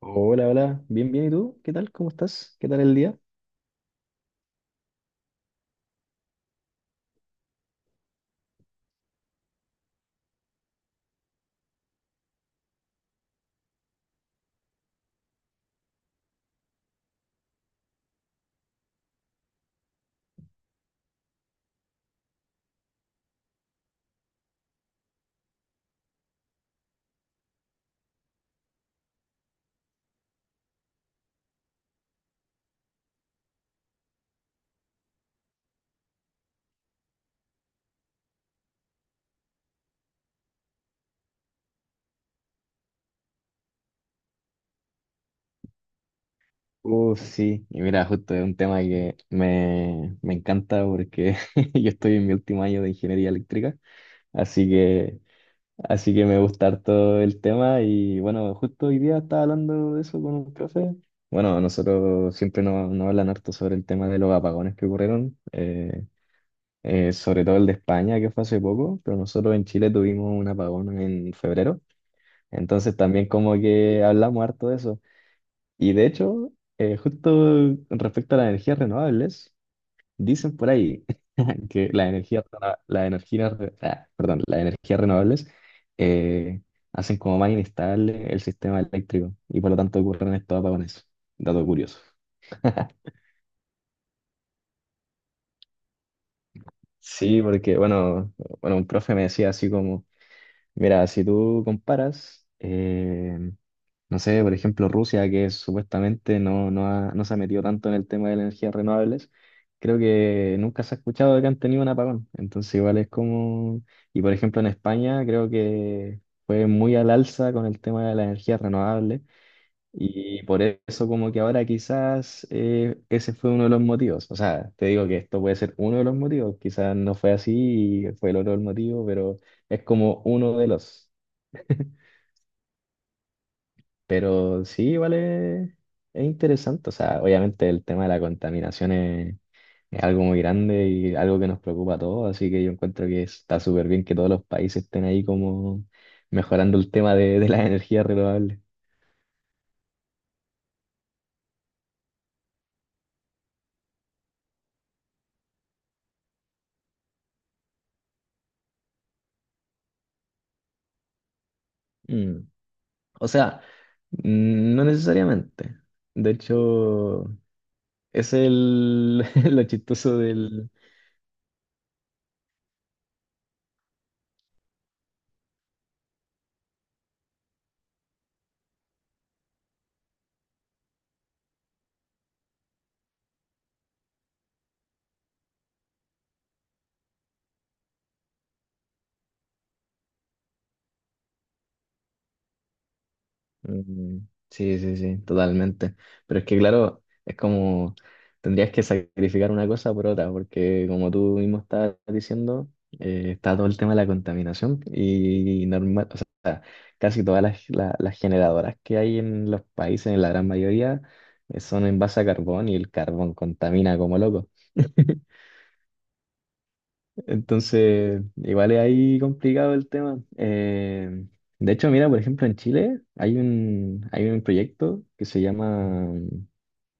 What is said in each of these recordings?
Hola, hola, bien, bien, ¿y tú? ¿Qué tal? ¿Cómo estás? ¿Qué tal el día? Sí, y mira, justo es un tema que me encanta porque yo estoy en mi último año de ingeniería eléctrica, así que, así que me gusta harto el tema y bueno, justo hoy día estaba hablando de eso con un profe. Bueno, a nosotros siempre nos hablan harto sobre el tema de los apagones que ocurrieron, sobre todo el de España que fue hace poco, pero nosotros en Chile tuvimos un apagón en febrero. Entonces también como que hablamos harto de eso. Y de hecho, justo respecto a las energías renovables, dicen por ahí que las energías, rena- las energías, re- ah, perdón, las energías renovables eh, hacen como más inestable el sistema eléctrico y por lo tanto ocurren estos apagones. Dato curioso. Sí, porque bueno, un profe me decía así como, mira, si tú comparas, no sé, por ejemplo, Rusia, que supuestamente no se ha metido tanto en el tema de las energías renovables, creo que nunca se ha escuchado de que han tenido un apagón. Entonces, igual es como... Y por ejemplo, en España creo que fue muy al alza con el tema de las energías renovables y por eso como que ahora quizás ese fue uno de los motivos. O sea, te digo que esto puede ser uno de los motivos, quizás no fue así y fue el otro el motivo, pero es como uno de los... Pero sí, es interesante. O sea, obviamente el tema de la contaminación es algo muy grande y algo que nos preocupa a todos. Así que yo encuentro que está súper bien que todos los países estén ahí como mejorando el tema de las energías renovables. Mm. O sea, no necesariamente. De hecho, es el, lo chistoso del, mm, sí, sí, sí, totalmente. Pero es que, claro, es como tendrías que sacrificar una cosa por otra, porque como tú mismo estabas diciendo, está todo el tema de la contaminación y normal, o sea, casi todas las generadoras que hay en los países, en la gran mayoría, son en base a carbón y el carbón contamina como loco. Entonces, igual es ahí complicado el tema. De hecho, mira, por ejemplo, en Chile hay un proyecto que se llama,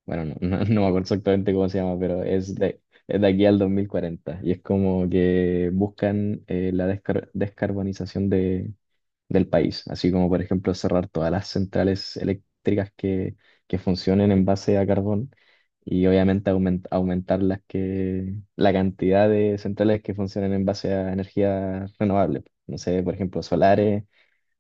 bueno, no, no me acuerdo exactamente cómo se llama, pero es de aquí al 2040 y es como que buscan la descarbonización de, del país, así como por ejemplo cerrar todas las centrales eléctricas que funcionen en base a carbón y obviamente aumentar la cantidad de centrales que funcionen en base a energía renovable, no sé, por ejemplo, solares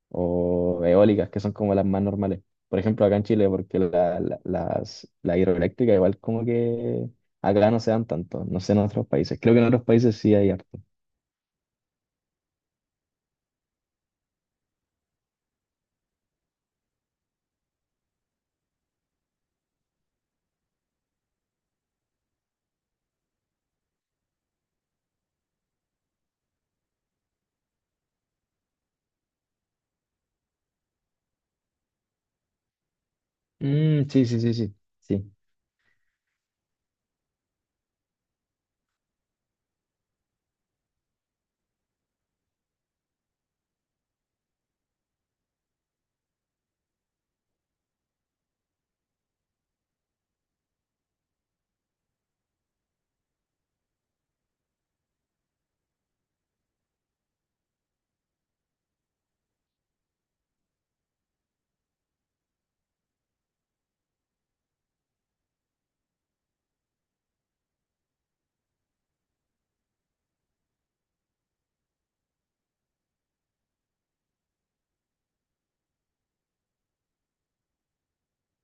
o eólicas, que son como las más normales. Por ejemplo, acá en Chile, porque la hidroeléctrica igual como que acá no se dan tanto, no sé en otros países. Creo que en otros países sí hay harto. Mm, sí, sí, sí, sí. Sí.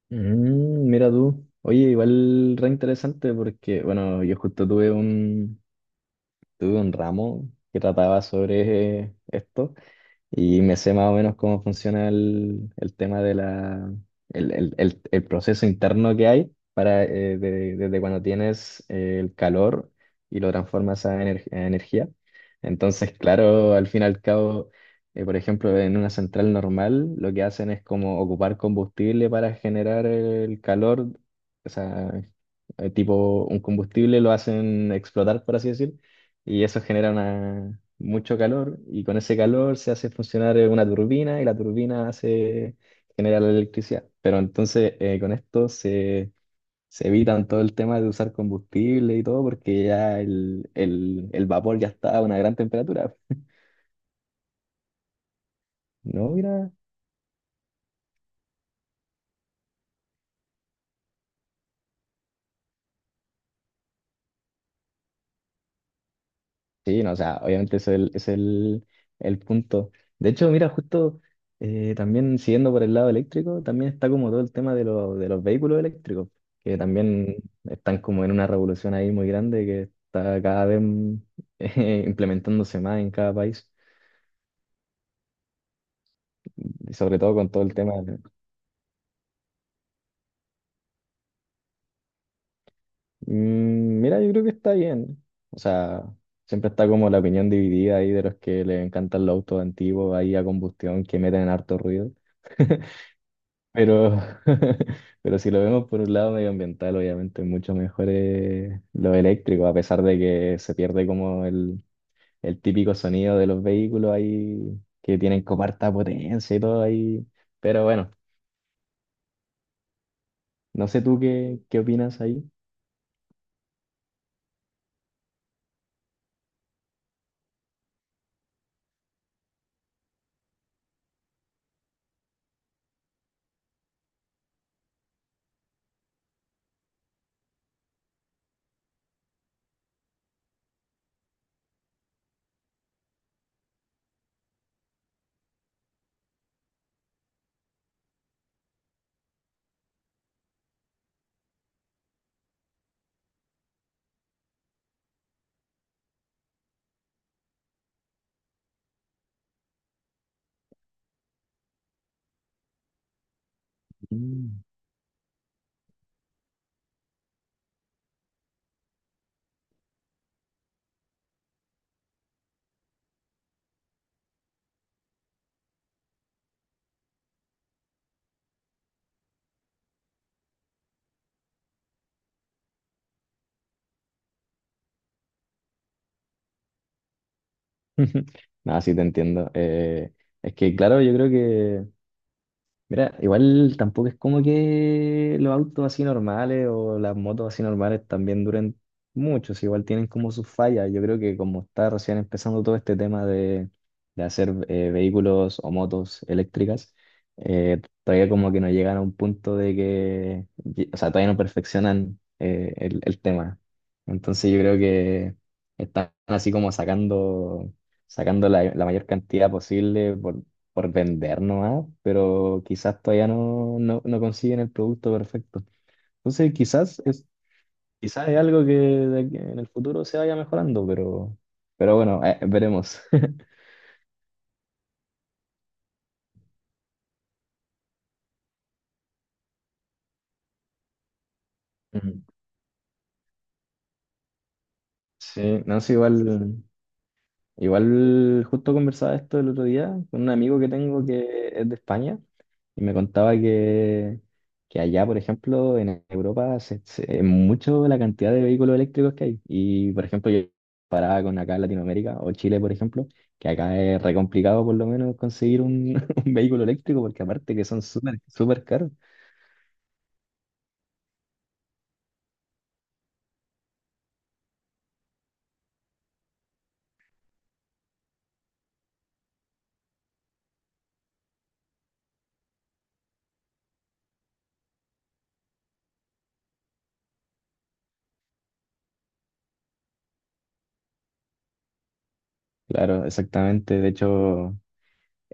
Mm, mira tú. Oye, igual re interesante porque, bueno, yo justo tuve un ramo que trataba sobre esto. Y me sé más o menos cómo funciona el tema de el proceso interno que hay para, desde cuando tienes el calor y lo transformas a, a energía. Entonces, claro, al fin y al cabo, por ejemplo, en una central normal, lo que hacen es como ocupar combustible para generar el calor, o sea, tipo un combustible lo hacen explotar, por así decir y eso mucho calor y con ese calor se hace funcionar una turbina y la turbina hace genera la electricidad. Pero entonces con se evitan todo el tema de usar combustible y todo porque ya el vapor ya está a una gran temperatura. No, mira, sí, no, o sea, obviamente es el punto. De hecho, mira, justo también siguiendo por el lado eléctrico, también está como todo el tema de, lo de los vehículos eléctricos, que también están como en una revolución ahí muy grande que está cada vez implementándose más en cada país, y sobre todo con todo el tema. De- Mm, mira, yo creo que está bien. O sea, siempre está como la opinión dividida ahí de los que les encantan los autos antiguos ahí a combustión que meten harto ruido. Pero, pero si lo vemos por un lado medioambiental, obviamente es mucho mejor lo eléctrico, a pesar de que se pierde como el típico sonido de los vehículos ahí, que tienen como harta potencia y todo ahí. Pero bueno, no sé qué opinas ahí. Mm. No, sí te entiendo. Es que claro, yo creo que mira, igual tampoco es como que los autos así normales o las motos así normales también duren mucho, si igual tienen como sus fallas. Yo creo que como está recién empezando todo este tema de hacer vehículos o motos eléctricas, todavía como que no llegan a un punto de que, o sea, todavía no perfeccionan el tema. Entonces yo creo que están así como sacando la mayor cantidad posible por vender nomás, pero quizás todavía no consiguen el producto perfecto. Entonces, quizás es algo que de en el futuro se vaya mejorando, pero bueno, veremos. Mm. Sí, no sé, igual. Igual justo conversaba esto el otro día con un amigo que tengo que es de España y me contaba que allá, por ejemplo, en Europa es mucho la cantidad de vehículos eléctricos que hay. Y, por ejemplo, yo comparaba con acá en Latinoamérica o Chile, por ejemplo, que acá es re complicado por lo menos conseguir un, un vehículo eléctrico porque aparte que son súper caros. Claro, exactamente. De hecho...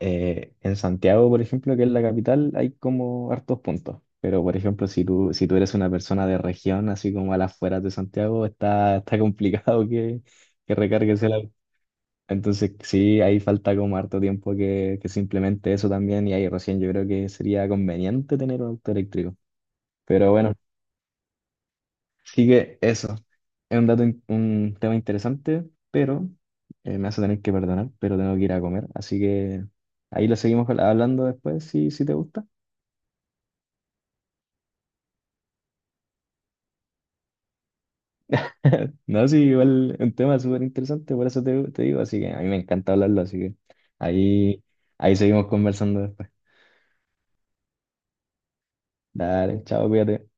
En Santiago, por ejemplo, que es la capital, hay como hartos puntos. Pero, por ejemplo, si tú eres una persona de región, así como a las afueras de Santiago, está complicado que recargues el auto. Entonces, sí, ahí falta como harto tiempo que se implemente eso también y ahí recién yo creo que sería conveniente tener un auto eléctrico. Pero bueno, sigue eso. Es un un tema interesante, pero me hace tener que perdonar, pero tengo que ir a comer. Así que ahí lo seguimos hablando después, si, si te gusta. No, sí, igual es un tema súper interesante, por eso te digo. Así que a mí me encanta hablarlo, así que ahí, ahí seguimos conversando después. Dale, chao, cuídate.